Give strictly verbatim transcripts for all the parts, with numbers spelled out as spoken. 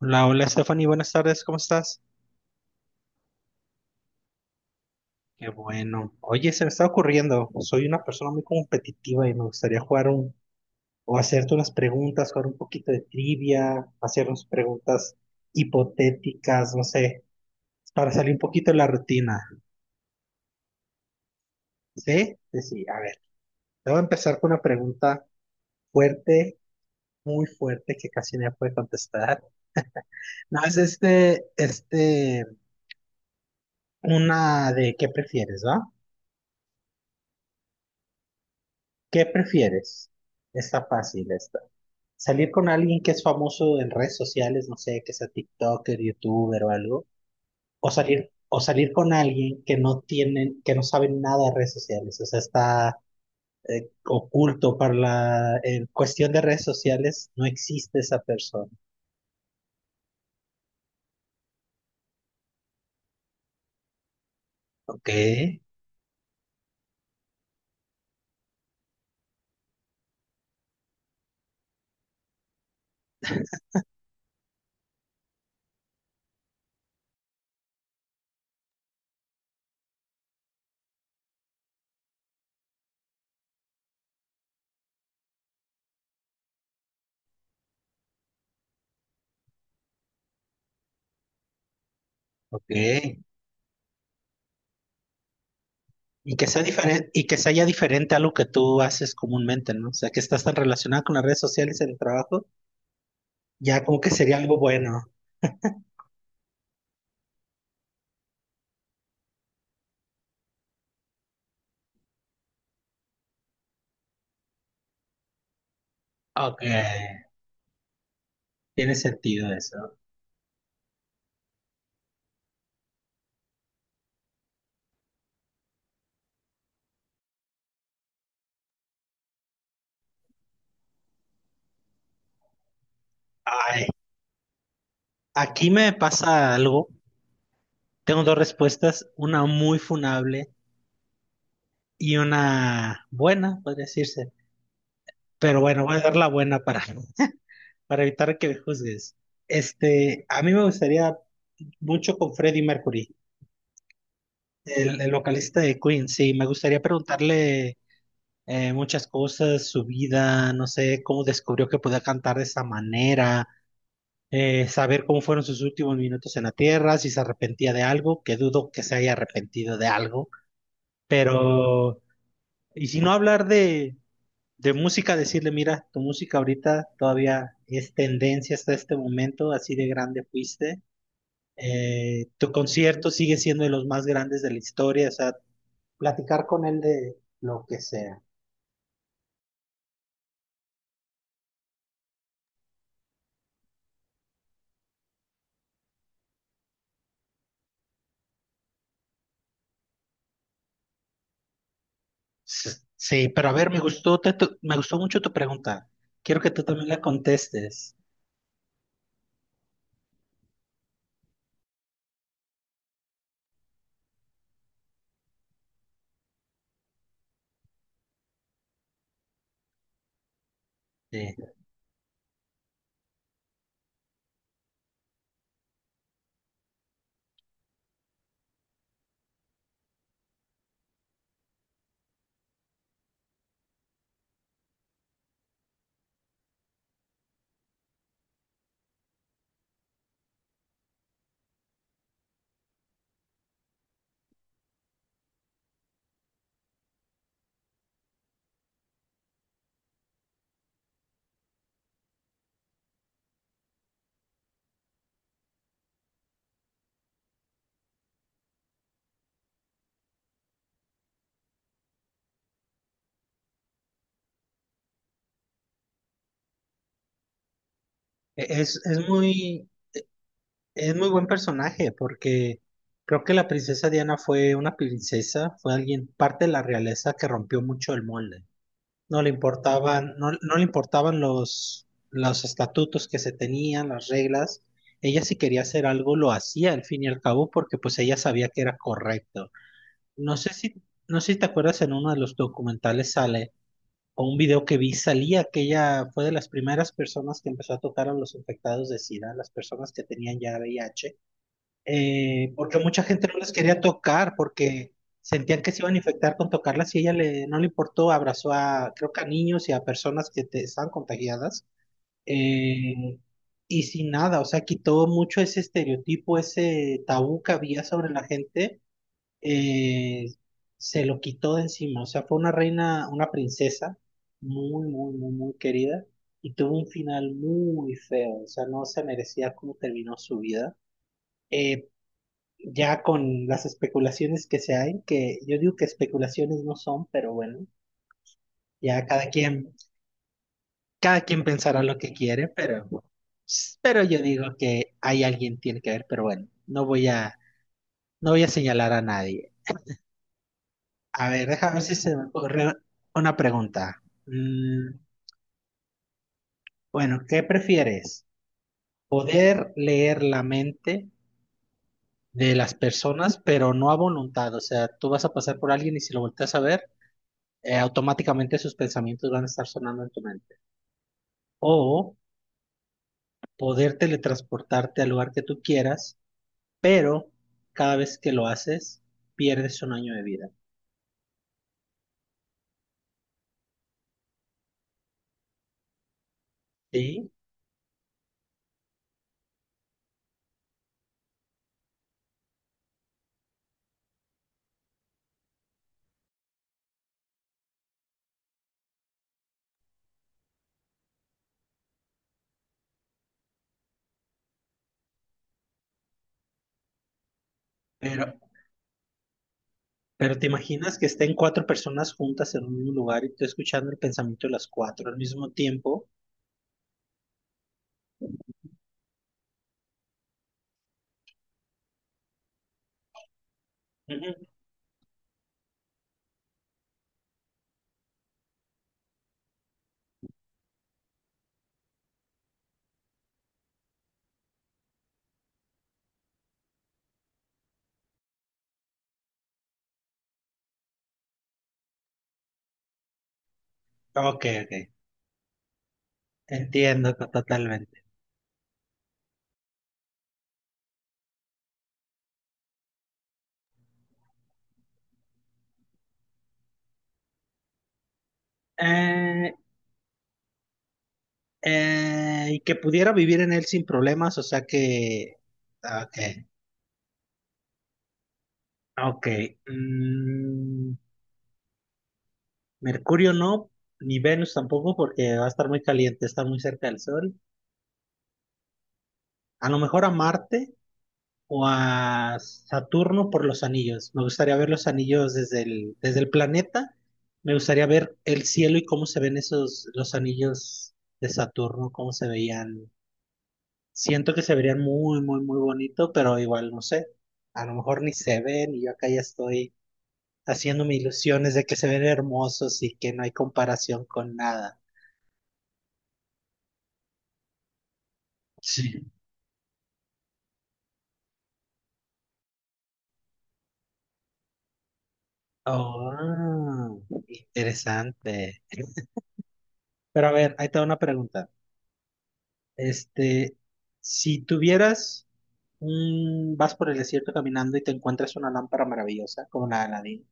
Hola, hola Stephanie, buenas tardes, ¿cómo estás? Qué bueno. Oye, se me está ocurriendo, soy una persona muy competitiva y me gustaría jugar un, o hacerte unas preguntas, jugar un poquito de trivia, hacernos preguntas hipotéticas, no sé, para salir un poquito de la rutina. ¿Sí? Sí, sí, a ver, te voy a empezar con una pregunta fuerte, muy fuerte, que casi nadie puede contestar. No, es este, este, una de ¿qué prefieres, va? ¿Qué prefieres? Está fácil esta. Salir con alguien que es famoso en redes sociales, no sé, que sea TikToker, YouTuber o algo, o salir, o salir con alguien que no tienen, que no saben nada de redes sociales, o sea, está eh, oculto para la en cuestión de redes sociales, no existe esa persona. Ok, ok. Y que sea diferente, y que sea ya diferente a lo que tú haces comúnmente, ¿no? O sea, que estás tan relacionado con las redes sociales en el trabajo, ya como que sería algo bueno. Ok, tiene sentido eso. Ay. Aquí me pasa algo. Tengo dos respuestas, una muy funable y una buena, podría decirse. Pero bueno, voy a dar la buena para, para evitar que me juzgues. Este, a mí me gustaría mucho con Freddie Mercury, el, el vocalista de Queen. Sí, me gustaría preguntarle eh, muchas cosas, su vida, no sé, cómo descubrió que podía cantar de esa manera, eh, saber cómo fueron sus últimos minutos en la tierra, si se arrepentía de algo, que dudo que se haya arrepentido de algo. Pero, y si no hablar de, de música, decirle, mira, tu música ahorita todavía es tendencia hasta este momento, así de grande fuiste. Eh, tu concierto sigue siendo de los más grandes de la historia, o sea, platicar con él de lo que sea. S- Sí, pero a ver, me gustó, te- tu- me gustó mucho tu pregunta. Quiero que tú también la contestes. Sí. E- Es, es muy, es muy buen personaje porque creo que la princesa Diana fue una princesa, fue alguien, parte de la realeza que rompió mucho el molde. No le importaban, no, no le importaban los, los estatutos que se tenían, las reglas. Ella si quería hacer algo lo hacía al fin y al cabo porque pues ella sabía que era correcto. No sé si, no sé si te acuerdas en uno de los documentales sale o un video que vi salía que ella fue de las primeras personas que empezó a tocar a los infectados de SIDA, las personas que tenían ya V I H. Eh, porque mucha gente no les quería tocar porque sentían que se iban a infectar con tocarlas y ella le, no le importó, abrazó a, creo que a niños y a personas que te- estaban contagiadas. eh, y sin nada, o sea, quitó mucho ese estereotipo, ese tabú que había sobre la gente, eh, se lo quitó de encima, o sea, fue una reina, una princesa muy, muy, muy, muy querida. Y tuvo un final muy feo, o sea, no se merecía cómo terminó su vida. Eh, ya con las especulaciones que se hay, que yo digo que especulaciones no son, pero bueno, ya cada quien, cada quien pensará lo que quiere, pero, pero yo digo que hay alguien tiene que ver, pero bueno, no voy a, no voy a señalar a nadie. A ver, déjame ver si se me ocurre una pregunta. Mm, bueno, ¿qué prefieres? ¿Poder leer la mente de las personas, pero no a voluntad? O sea, tú vas a pasar por alguien y si lo volteas a ver, eh, automáticamente sus pensamientos van a estar sonando en tu mente. O poder teletransportarte al lugar que tú quieras, pero cada vez que lo haces, pierdes un año de vida. Sí, pero, pero te imaginas que estén cuatro personas juntas en un mismo lugar y tú escuchando el pensamiento de las cuatro al mismo tiempo. Ujú. Ok, ok. Entiendo to- totalmente. Eh, eh, y que pudiera vivir en él sin problemas, o sea que... Ok, ok. Mm, Mercurio no, ni Venus tampoco, porque va a estar muy caliente, está muy cerca del Sol. A lo mejor a Marte o a Saturno por los anillos. Me gustaría ver los anillos desde el, desde el planeta. Me gustaría ver el cielo y cómo se ven esos, los anillos de Saturno, cómo se veían. Siento que se verían muy, muy, muy bonito, pero igual no sé. A lo mejor ni se ven y yo acá ya estoy haciéndome ilusiones de que se ven hermosos y que no hay comparación con nada. Sí. Oh, interesante. Pero a ver, ahí te va una pregunta. Este, si tuvieras un, vas por el desierto caminando y te encuentras una lámpara maravillosa, como la de Aladín,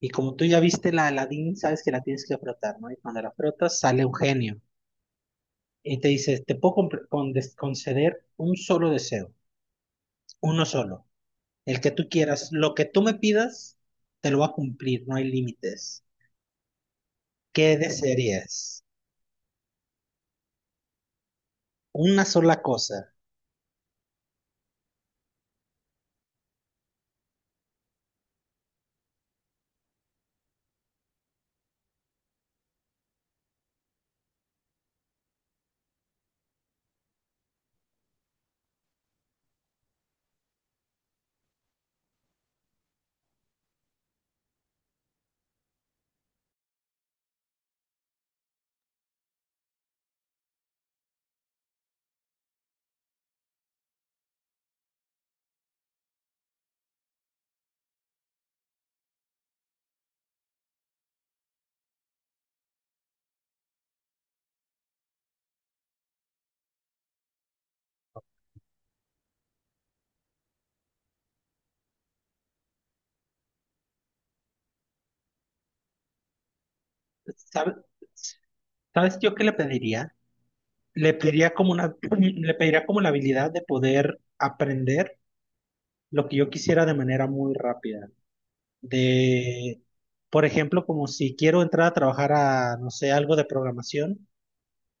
y como tú ya viste la de Aladín, sabes que la tienes que frotar, ¿no? Y cuando la frotas, sale un genio y te dice, te puedo compre- con- des- conceder un solo deseo, uno solo, el que tú quieras, lo que tú me pidas, te lo va a cumplir, no hay límites. ¿Qué desearías? Una sola cosa. ¿Sabe- ¿Sabes yo qué le pediría? Le pediría como una, le pediría como la habilidad de poder aprender lo que yo quisiera de manera muy rápida. De, por ejemplo, como si quiero entrar a trabajar a, no sé, algo de programación,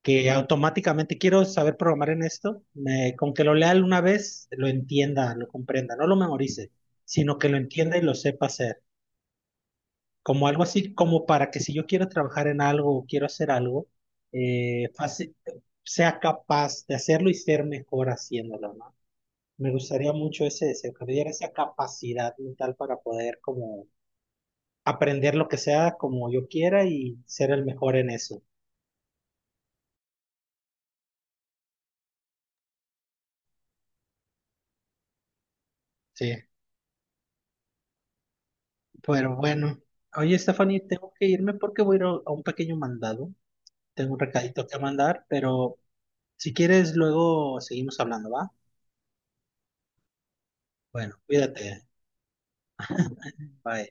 que automáticamente quiero saber programar en esto, me- con que lo lea una vez, lo entienda, lo comprenda, no lo memorice, sino que lo entienda y lo sepa hacer. Como algo así, como para que si yo quiero trabajar en algo o quiero hacer algo, eh, fácil- sea capaz de hacerlo y ser mejor haciéndolo, ¿no? Me gustaría mucho ese deseo, que me diera esa capacidad mental para poder como aprender lo que sea como yo quiera y ser el mejor en eso. Sí, pero bueno. Oye, Stephanie, tengo que irme porque voy a ir a un pequeño mandado. Tengo un recadito que mandar, pero si quieres, luego seguimos hablando, ¿va? Bueno, cuídate. Bye.